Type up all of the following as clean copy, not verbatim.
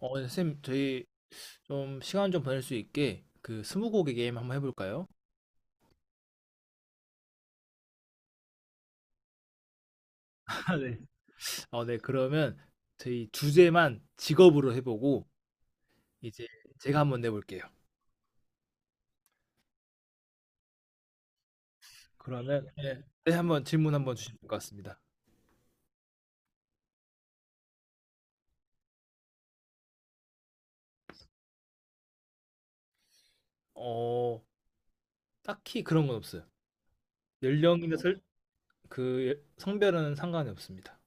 네, 쌤, 저희 좀 시간 좀 보낼 수 있게 그 스무고개 게임 한번 해볼까요? 아, 네. 네, 그러면 저희 주제만 직업으로 해보고 이제 제가 한번 내볼게요. 그러면 네, 네, 한번 질문 한번 주시면 될 것 같습니다. 어, 딱히 그런 건 없어요. 연령이나 설, 그 성별은 상관이 없습니다.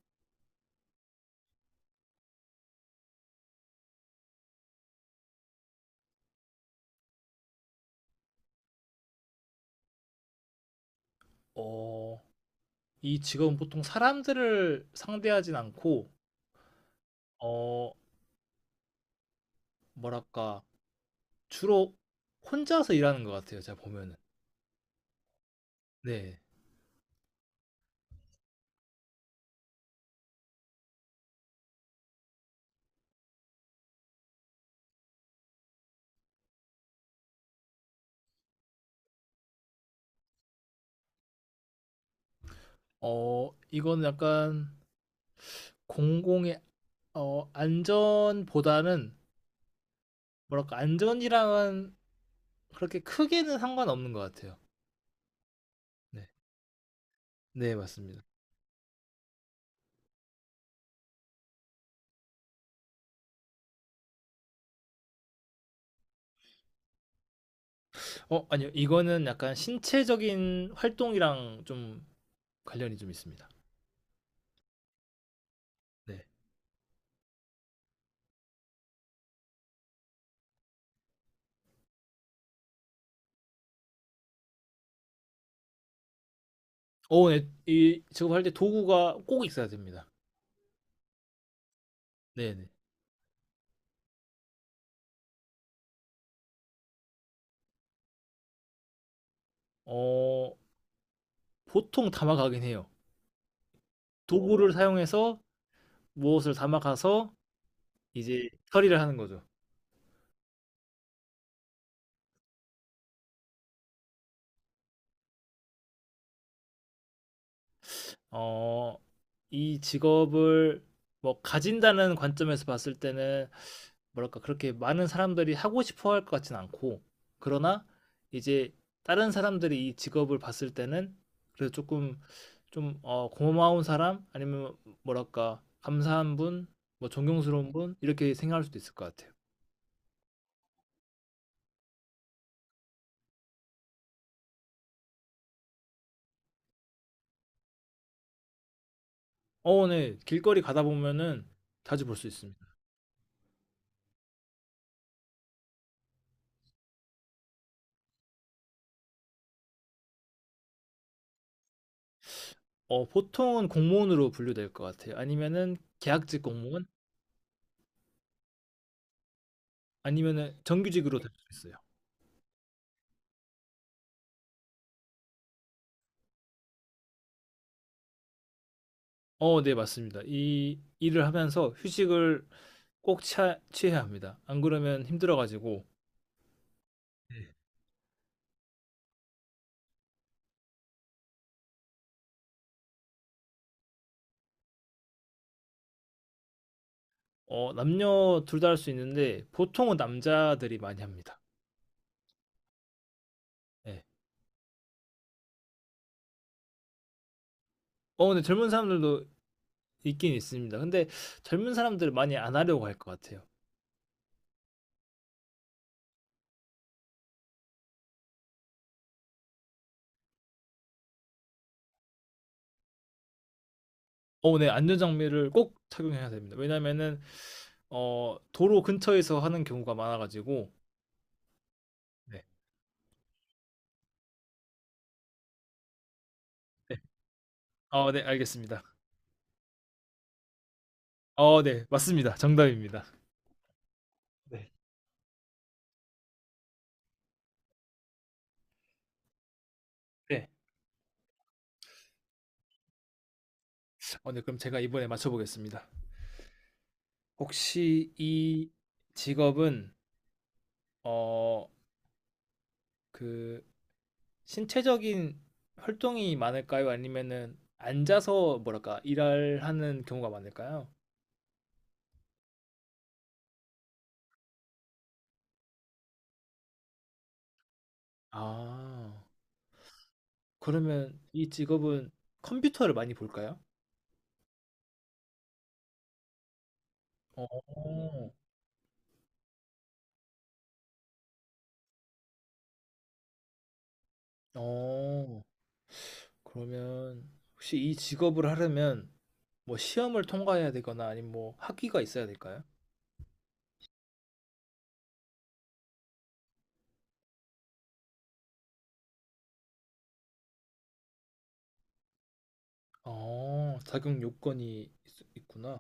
어, 이 직업은 보통 사람들을 상대하진 않고 어, 뭐랄까 주로 혼자서 일하는 것 같아요. 제가 보면은. 네. 이건 약간 공공의 안전보다는 뭐랄까 안전이랑은 그렇게 크게는 상관없는 것 같아요. 네, 네 맞습니다. 아니요, 이거는 약간 신체적인 활동이랑 좀 관련이 좀 있습니다. 네. 네, 이 작업할 때 도구가 꼭 있어야 됩니다. 네, 네. 어, 보통 담아가긴 해요. 도구를 사용해서 무엇을 담아가서 이제 처리를 하는 거죠. 어, 이 직업을 뭐 가진다는 관점에서 봤을 때는 뭐랄까 그렇게 많은 사람들이 하고 싶어 할 것 같진 않고 그러나 이제 다른 사람들이 이 직업을 봤을 때는 그래도 조금 좀 고마운 사람 아니면 뭐랄까 감사한 분, 뭐 존경스러운 분 이렇게 생각할 수도 있을 것 같아요. 네. 길거리 가다 보면은 자주 볼 수 있습니다. 보통은 공무원으로 분류될 것 같아요. 아니면은 계약직 공무원 아니면은 정규직으로 네. 될 수 있어요. 네, 맞습니다. 이 일을 하면서 휴식을 꼭 취해야 합니다. 안 그러면 힘들어가지고, 네. 남녀 둘 다 할 수 있는데, 보통은 남자들이 많이 합니다. 네. 근데 젊은 사람들도 있긴 있습니다. 근데 젊은 사람들 많이 안 하려고 할 것 같아요. 네, 안전장비를 꼭 착용해야 됩니다. 왜냐면은, 도로 근처에서 하는 경우가 많아가지고, 네. 네. 네, 알겠습니다. 네, 맞습니다. 정답입니다. 네. 네. 네, 그럼 제가 이번에 맞춰보겠습니다. 혹시 이 직업은 어, 그 신체적인 활동이 많을까요? 아니면은 앉아서 뭐랄까 일하는 경우가 많을까요? 아, 그러면 이 직업은 컴퓨터를 많이 볼까요? 어, 어, 그러면 혹시 이 직업을 하려면 뭐 시험을 통과해야 되거나 아니면 뭐 학위가 있어야 될까요? 자격 요건이 있구나.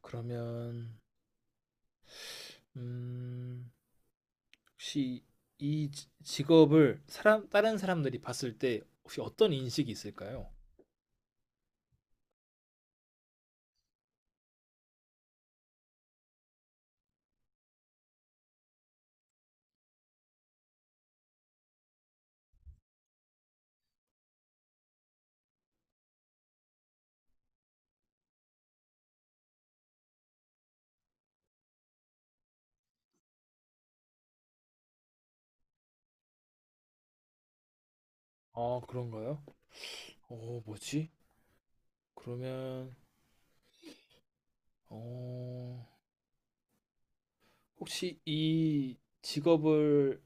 그러면 음, 혹시 이 직업을 사람 다른 사람들이 봤을 때 혹시 어떤 인식이 있을까요? 아, 그런가요? 뭐지? 그러면 어, 혹시 이 직업을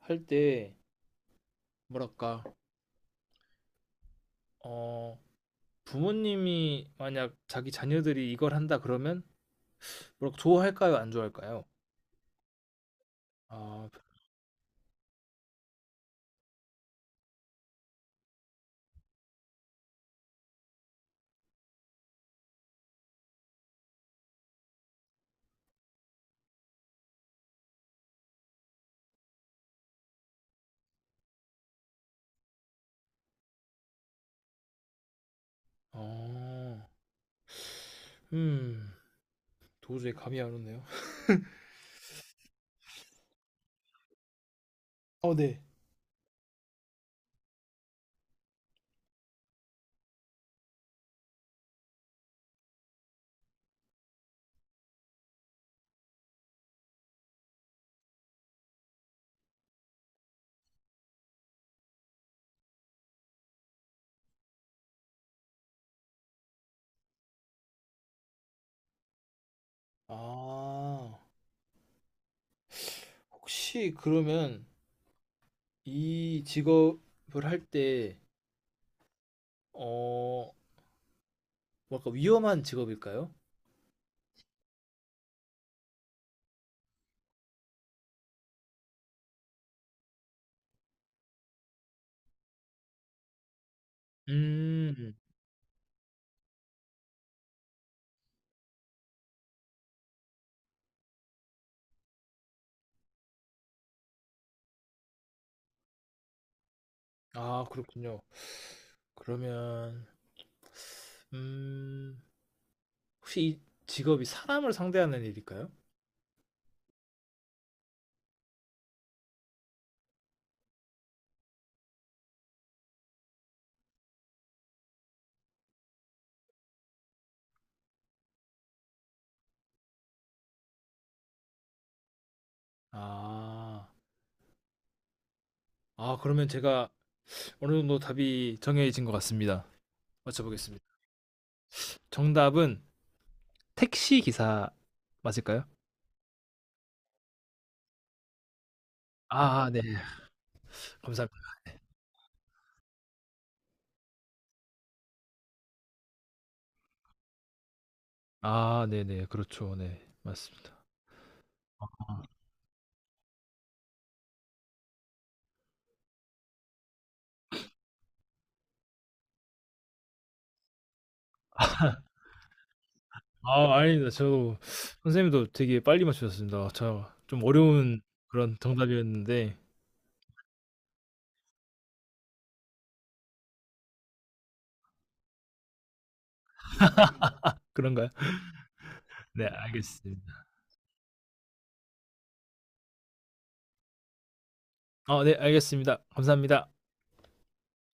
할 때 뭐랄까? 어, 부모님이 만약 자기 자녀들이 이걸 한다 그러면 뭐랄까 좋아할까요? 안 좋아할까요? 아, 어, 음, 도저히 감이 안 오네요. 네. 아. 혹시 그러면 이 직업을 할 때, 어, 뭐랄까 위험한 직업일까요? 음, 아, 그렇군요. 그러면, 음, 혹시 이 직업이 사람을 상대하는 일일까요? 아, 아, 그러면 제가 어느 정도 답이 정해진 것 같습니다. 맞춰보겠습니다. 정답은 택시 기사 맞을까요? 아, 네. 감사합니다. 아, 네네. 그렇죠. 네. 맞습니다. 아 아닙니다. 저도 선생님도 되게 빨리 맞추셨습니다. 저 좀 어려운 그런 정답이었는데 그런가요? 네 알겠습니다. 네 알겠습니다. 감사합니다.